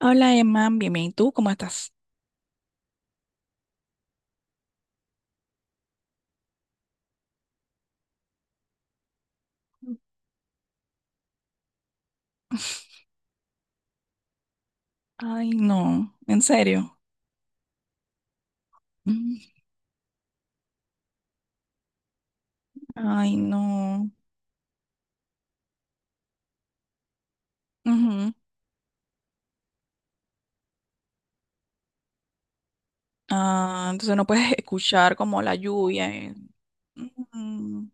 Hola Emma, bien, bien. ¿Y tú cómo estás? Ay, no, en serio. Mm. Ay, no. Ujú. Ah, entonces no puedes escuchar como la lluvia, Ujú,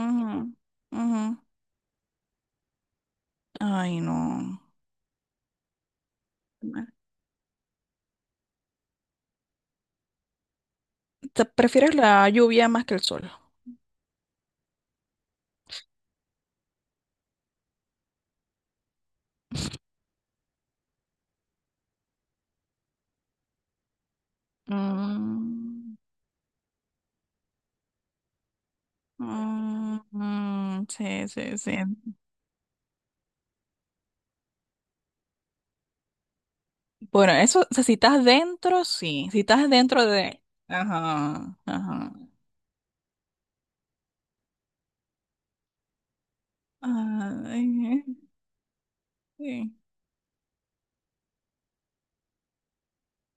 ujú, ujú. Ay, no. ¿Te- prefieres la lluvia más que el sol? Mm, mm, mm, sí, sí, sí. Bueno, eso, o sea, si estás dentro, sí. Si estás dentro de... Ajá, ajá. Ay, sí.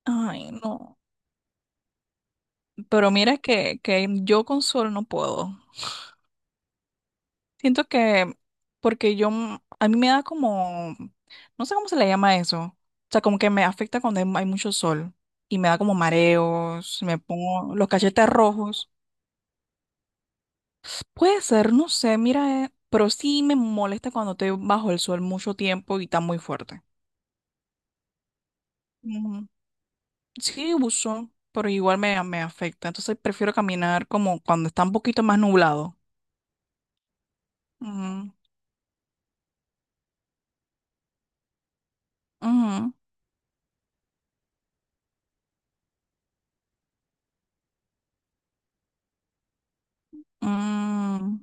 Ay, no. Pero mira que yo con sol no puedo. Siento que, porque yo, a mí me da como, no sé cómo se le llama eso. O sea, como que me afecta cuando hay mucho sol y me da como mareos, me pongo los cachetes rojos. Puede ser, no sé, mira, pero sí me molesta cuando estoy bajo el sol mucho tiempo y está muy fuerte. Ujú. Sí, uso, pero igual me, me afecta. Entonces prefiero caminar como cuando está un poquito más nublado. Ujú, ujú. Mm,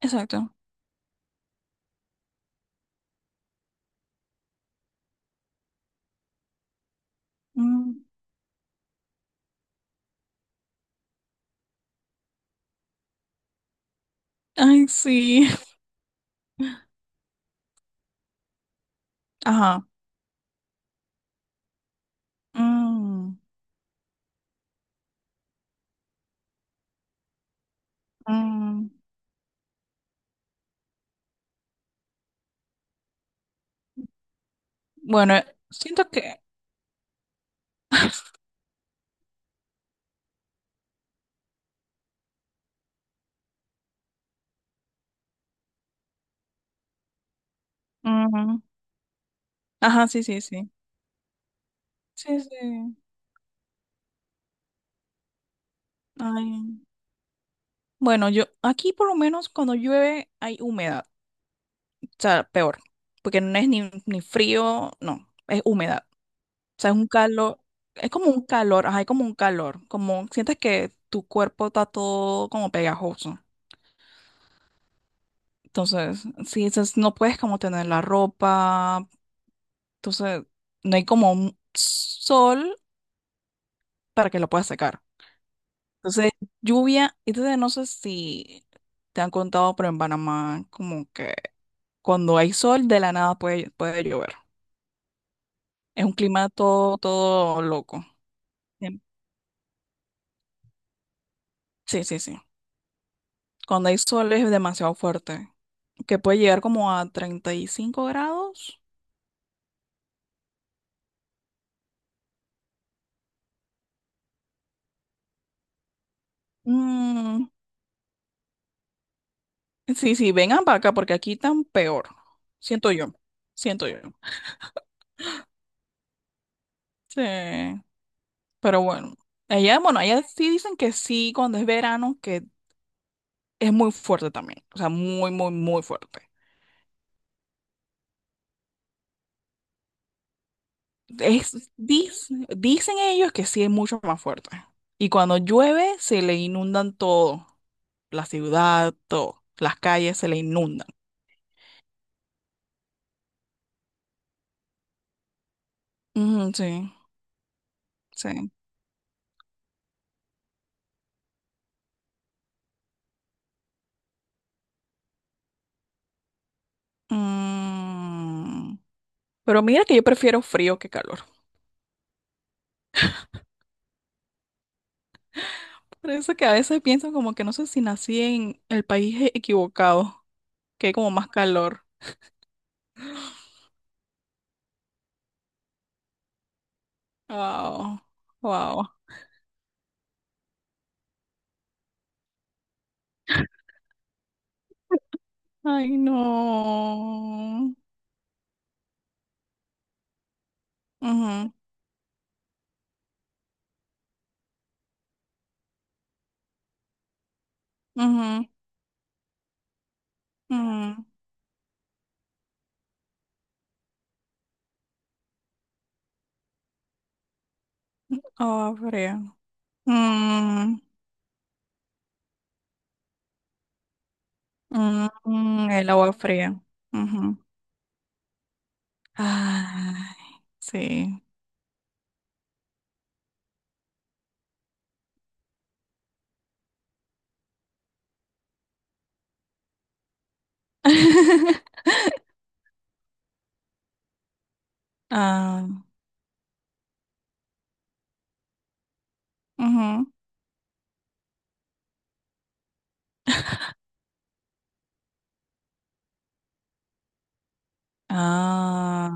exacto. Mm, ay, sí. Ajá. Mm, mm. Bueno, siento que... Mm, ajá, sí, sí, sí. Sí, sí. Ay. Bueno, yo aquí por lo menos cuando llueve hay humedad. O sea, peor. Porque no es ni, ni frío, no, es humedad. O sea, es un calor. Es como un calor, ajá, es como un calor. Como sientes que tu cuerpo está todo como pegajoso. Entonces, sí, entonces no puedes como tener la ropa. Entonces, no hay como un sol para que lo pueda secar. Entonces, lluvia. Entonces, no sé si te han contado, pero en Panamá, como que cuando hay sol, de la nada puede, puede llover. Es un clima todo, todo loco. Em, Sí, sí, sí. Cuando hay sol es demasiado fuerte, que puede llegar como a 35 grados. Mm, sí, sí, vengan para acá, porque aquí tan peor. Siento yo. Siento yo. Sí. Pero bueno, allá sí dicen que sí, cuando es verano, que es muy fuerte también. O sea, muy, muy, muy fuerte. Es, dicen, dicen ellos que sí es mucho más fuerte. Y cuando llueve, se le inundan todo. La ciudad, todo. Las calles se le inundan. Ujú, sí, sí. Mm, pero mira que yo prefiero frío que calor. Por eso que a veces pienso como que no sé si nací en el país equivocado, que hay como más calor. Wow, wow. Ay, no. Ujú, ujú, ujú. Agua fría. Mm, mm, mm, el agua fría. Ujú. Ay, sí. Ah, ujú. Ah.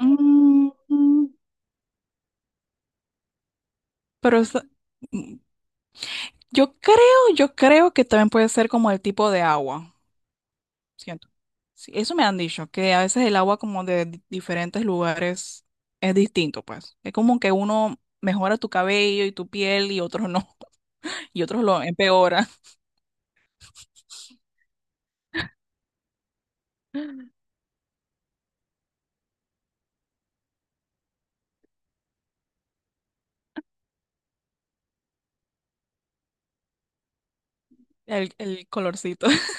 Mm, mm. Pero es- mm, yo creo, yo creo que también puede ser como el tipo de agua. Siento. Sí, eso me han dicho, que a veces el agua como de diferentes lugares es distinto, pues. Es como que uno mejora tu cabello y tu piel y otros no, y otros lo empeora. El colorcito.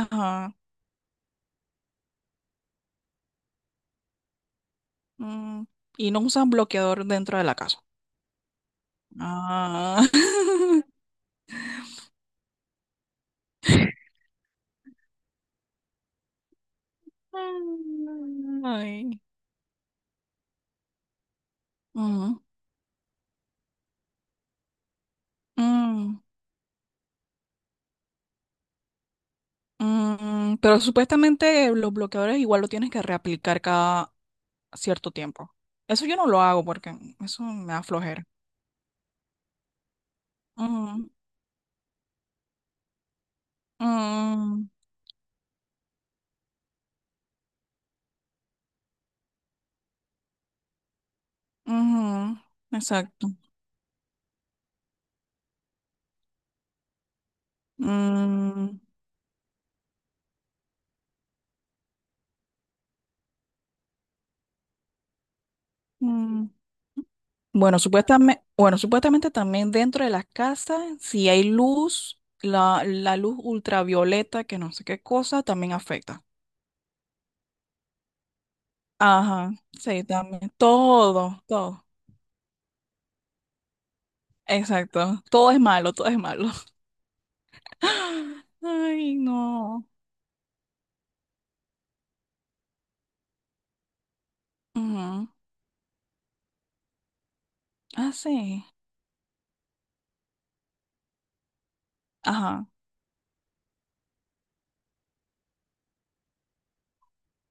Ajá. Mm, y no usan bloqueador dentro de la casa. Ah. Ay. Ujú. Mm, mm, mm, pero supuestamente los bloqueadores igual lo tienes que reaplicar cada cierto tiempo. Eso yo no lo hago porque eso me da flojera. Ujú, mm, ujú, exacto. Mm, mm. Bueno, supuestamente también dentro de las casas, si hay luz, la luz ultravioleta, que no sé qué cosa, también afecta. Ajá, sí, también. Todo, todo. Exacto. Todo es malo, todo es malo. Ay, no. Ujú. Ah, sí. Ajá.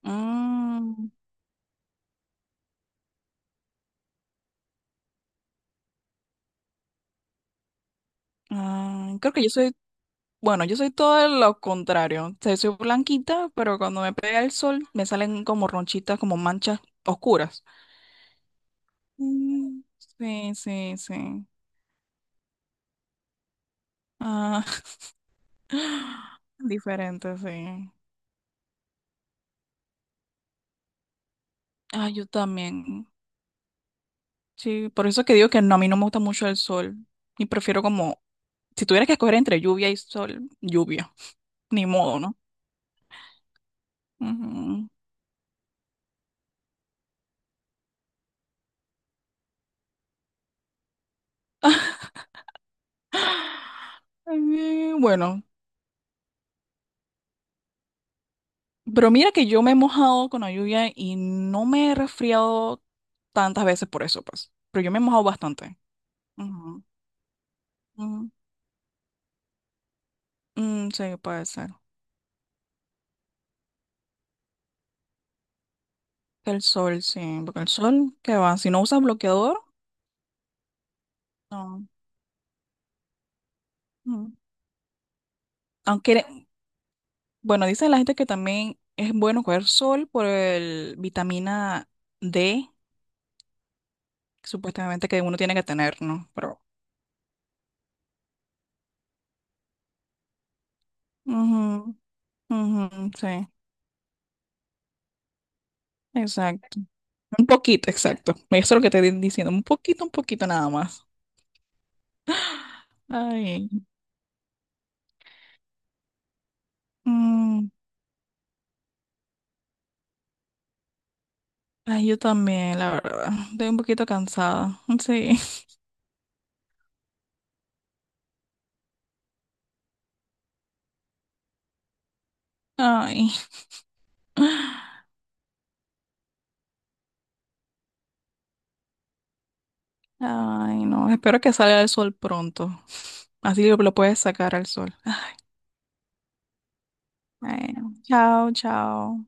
Mm. Ah, creo que yo soy, bueno, yo soy todo lo contrario. O sea, soy blanquita, pero cuando me pega el sol me salen como ronchitas, como manchas oscuras. Mm, sí, sí, sí. Ah, diferente, sí. Ah, yo también. Sí, por eso que digo que no, a mí no me gusta mucho el sol. Y prefiero como, si tuvieras que escoger entre lluvia y sol, lluvia. Ni modo, ¿no? Ujú. Bueno. Pero mira que yo me he mojado con la lluvia y no me he resfriado tantas veces por eso, pues. Pero yo me he mojado bastante. Ujú, ujú. Mm, sí, puede ser. Que el sol, sí, porque el sol, ¿qué va? Si no usas bloqueador, no. Mm. Aunque, bueno, dice la gente que también es bueno coger sol por el vitamina D, supuestamente que uno tiene que tener, ¿no? Pero, ujú, ujú, sí, exacto. Un poquito, exacto. Eso es lo que te estoy diciendo, un poquito nada más. Ay, mm, ay, yo también, la verdad. Estoy un poquito cansada. Sí. Ay, ay, no. Espero que salga el sol pronto. Así lo puedes sacar al sol. Bueno, chao, chao.